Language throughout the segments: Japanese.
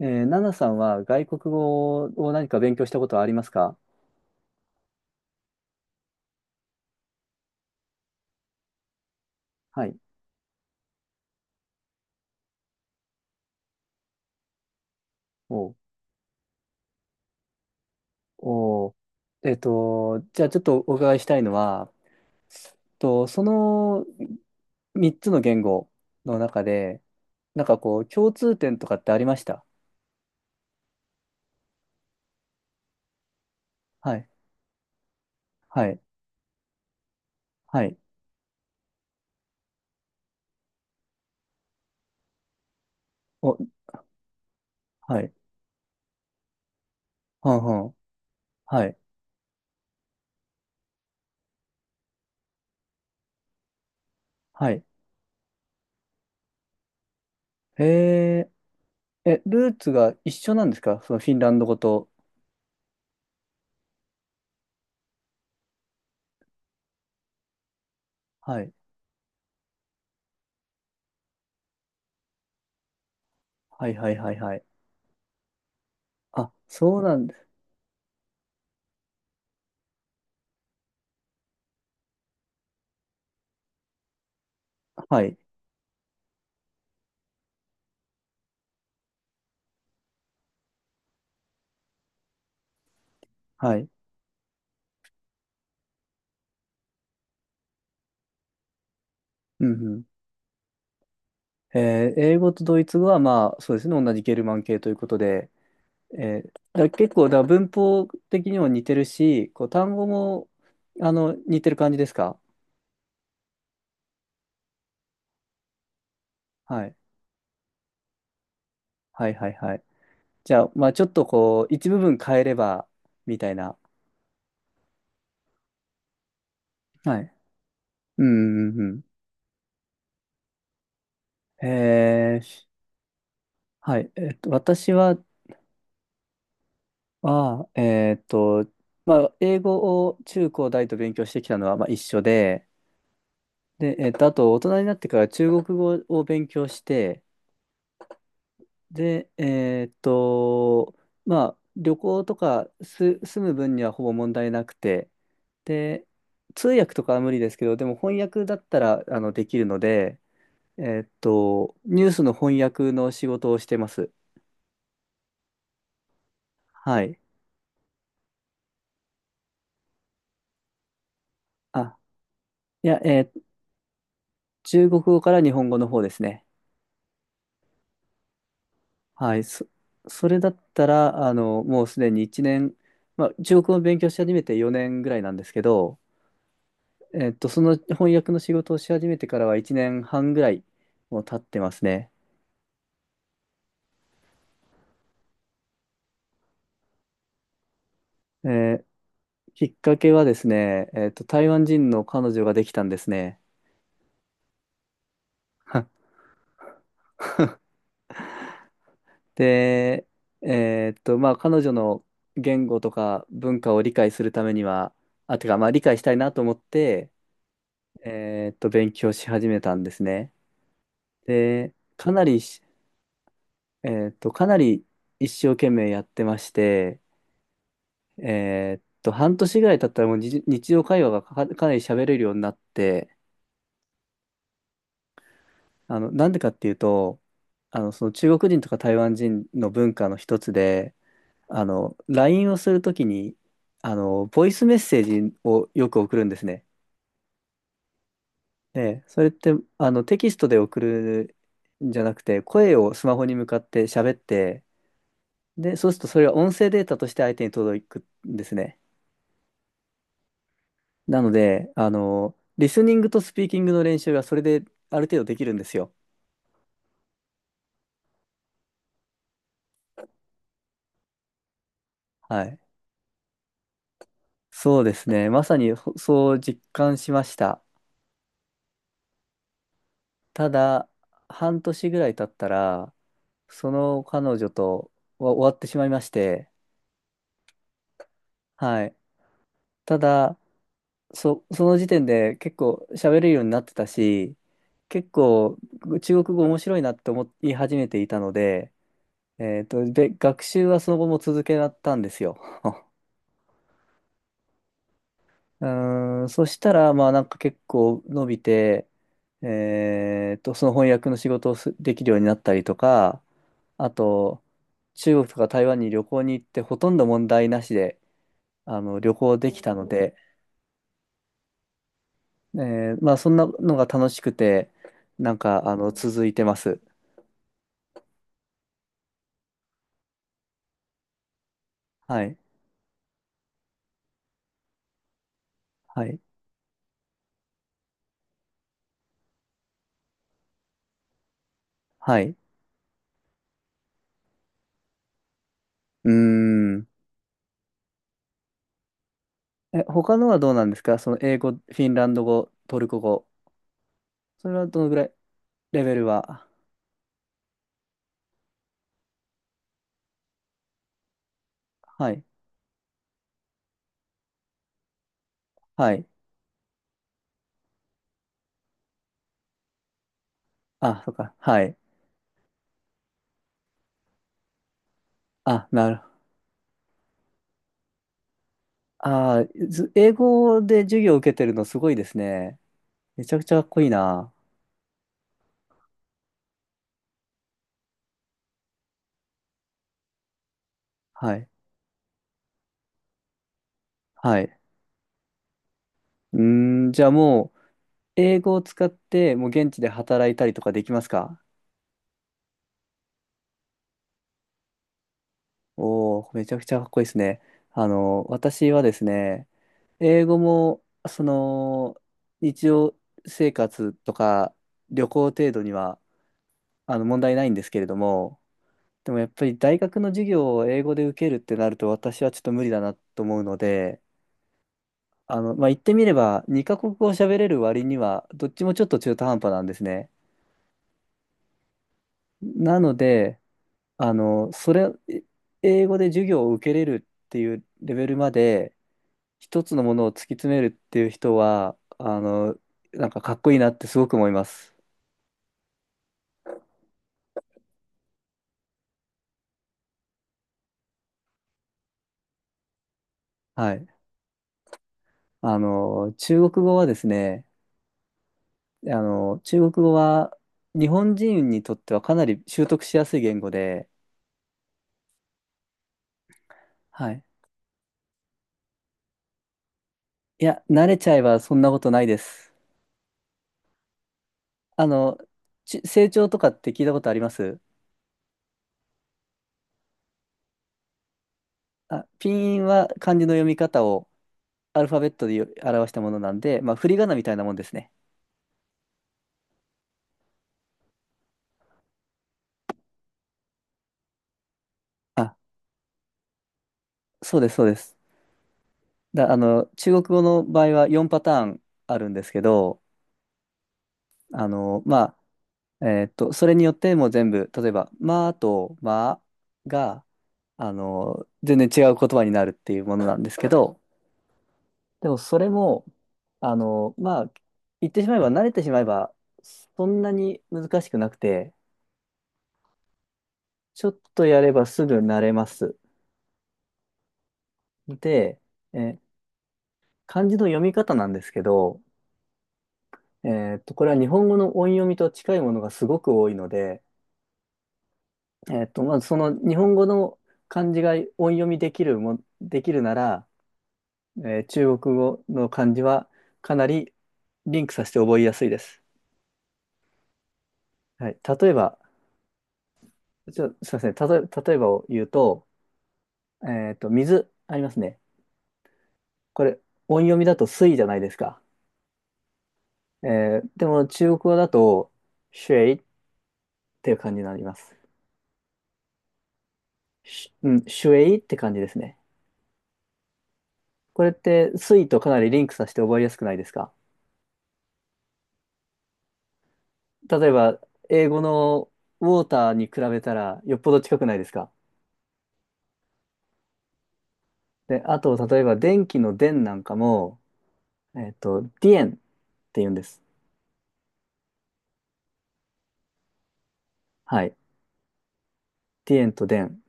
ナナさんは外国語を何か勉強したことはありますか？はい。お。お。じゃあちょっとお伺いしたいのは、と、その3つの言語の中で、こう、共通点とかってありました？はい。はい。はい。お、はい。はんはん。はい。はい。へえ。え、ルーツが一緒なんですか、そのフィンランド語と。はい。はいはいはいはい。あ、そうなんです。はい。はい。うん。英語とドイツ語は、まあ、そうですね、同じゲルマン系ということで、えーだ結構、文法的にも似てるし、こう単語も似てる感じですか？はい。はいはいはい。じゃあ、まあ、ちょっとこう、一部分変えれば、みたいな。はい。うんうんうん。えー。はい。私は、あー、えっと、まあ、英語を中高大と勉強してきたのは、まあ、一緒で、で、あと、大人になってから中国語を勉強して、で、えーっと、まあ、旅行とか住む分にはほぼ問題なくて、で、通訳とかは無理ですけど、でも翻訳だったらできるので、ニュースの翻訳の仕事をしてます。はい。あ、いや、えー中国語から日本語の方ですね。はい。それだったら、あの、もうすでに1年、まあ、中国語を勉強し始めて4年ぐらいなんですけど、その翻訳の仕事をし始めてからは1年半ぐらいもう経ってますね。えー。きっかけはですね、台湾人の彼女ができたんですね。で、まあ、彼女の言語とか文化を理解するためには、あ、てか、まあ、理解したいなと思って、勉強し始めたんですね。で、かなり一生懸命やってまして、半年ぐらい経ったらもう日常会話がかなり喋れるようになって、あの、なんでかっていうと、あの、その中国人とか台湾人の文化の一つで、あの、LINE をするときに、あの、ボイスメッセージをよく送るんですね。で、それって、あの、テキストで送るんじゃなくて、声をスマホに向かって喋って、で、そうするとそれは音声データとして相手に届くんですね。なので、あの、リスニングとスピーキングの練習がそれである程度できるんですよ。はい。そうですね。まさにほそう実感しました。ただ、半年ぐらい経ったら、その彼女とは終わってしまいまして、はい。ただ、その時点で結構喋れるようになってたし、結構中国語面白いなって思い始めていたので、学習はその後も続けたんですよ。うーん、そしたら、まあなんか結構伸びて、その翻訳の仕事をできるようになったりとか、あと、中国とか台湾に旅行に行ってほとんど問題なしで、あの、旅行できたので、えまあそんなのが楽しくて、なんか、あの、続いてます。はい。はい。はい。うーん。え、他のはどうなんですか、その英語、フィンランド語、トルコ語。それはどのぐらい、レベルは。はい。はい。あ、そっか。はい。あ、なる。あー、ず英語で授業を受けてるのすごいですね。めちゃくちゃかっこいいな。はい。はい。うーん、じゃあもう、英語を使って、もう現地で働いたりとかできますか？おおー、めちゃくちゃかっこいいですね。あの、私はですね、英語も、その、日常生活とか旅行程度には、あの、問題ないんですけれども、でもやっぱり大学の授業を英語で受けるってなると私はちょっと無理だなと思うので、あの、まあ、言ってみれば、2カ国語を喋れる割には、どっちもちょっと中途半端なんですね。なので、あの、それ、え英語で授業を受けれるっていうレベルまで、一つのものを突き詰めるっていう人は、あの、なんかかっこいいなってすごく思います。はい。あの、中国語はですね、あの、中国語は日本人にとってはかなり習得しやすい言語で、はい。いや、慣れちゃえばそんなことないです。あの、成長とかって聞いたことあります？あ、ピンは漢字の読み方をアルファベットで表したものなんで、まあ、振り仮名みたいなもんですね。あ、そうです、そうです。だ、あの、中国語の場合は4パターンあるんですけど、あの、まあ、それによってもう全部、例えば、まあとまあが、あの、全然違う言葉になるっていうものなんですけど、でもそれも、あの、まあ、言ってしまえば、慣れてしまえば、そんなに難しくなくて、ちょっとやればすぐ慣れます。で、え、漢字の読み方なんですけど、これは日本語の音読みと近いものがすごく多いので、まずその日本語の漢字が音読みできるも、できるなら、中国語の漢字はかなりリンクさせて覚えやすいです。はい。例えば、ちょ、すいません。例えばを言うと、水ありますね。これ、音読みだと水じゃないですか。えでも中国語だと、シュエイっていう感じになります。しうん、シュエイって感じですね。これって水とかなりリンクさせて覚えやすくないですか？例えば、英語のウォーターに比べたらよっぽど近くないですか？で、あと、例えば電気の電なんかも、ディエンって言うんです。はい。ディエンと電。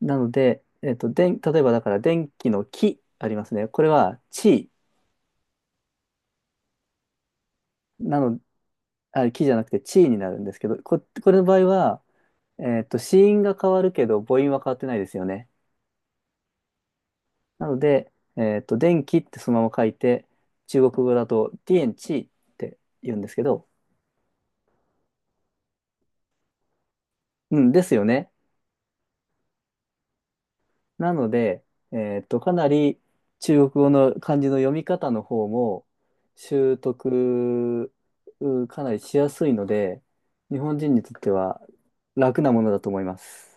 なので、電、例えばだから電気の気ありますね。これは地なの、あ、キじゃなくてチーになるんですけど、これの場合は、子音が変わるけど母音は変わってないですよね。なので、電気ってそのまま書いて、中国語だとディエンチーって言うんですけど、うん、ですよね。なので、かなり中国語の漢字の読み方の方も習得うかなりしやすいので、日本人にとっては楽なものだと思います。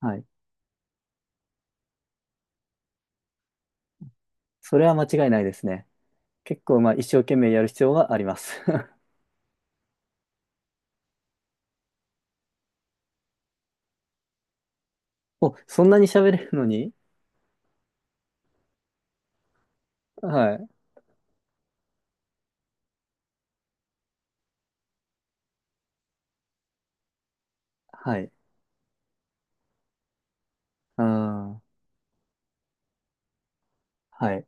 はい。それは間違いないですね。結構まあ一生懸命やる必要があります。お、そんなに喋れるのに。はい。はい。ああ、はい。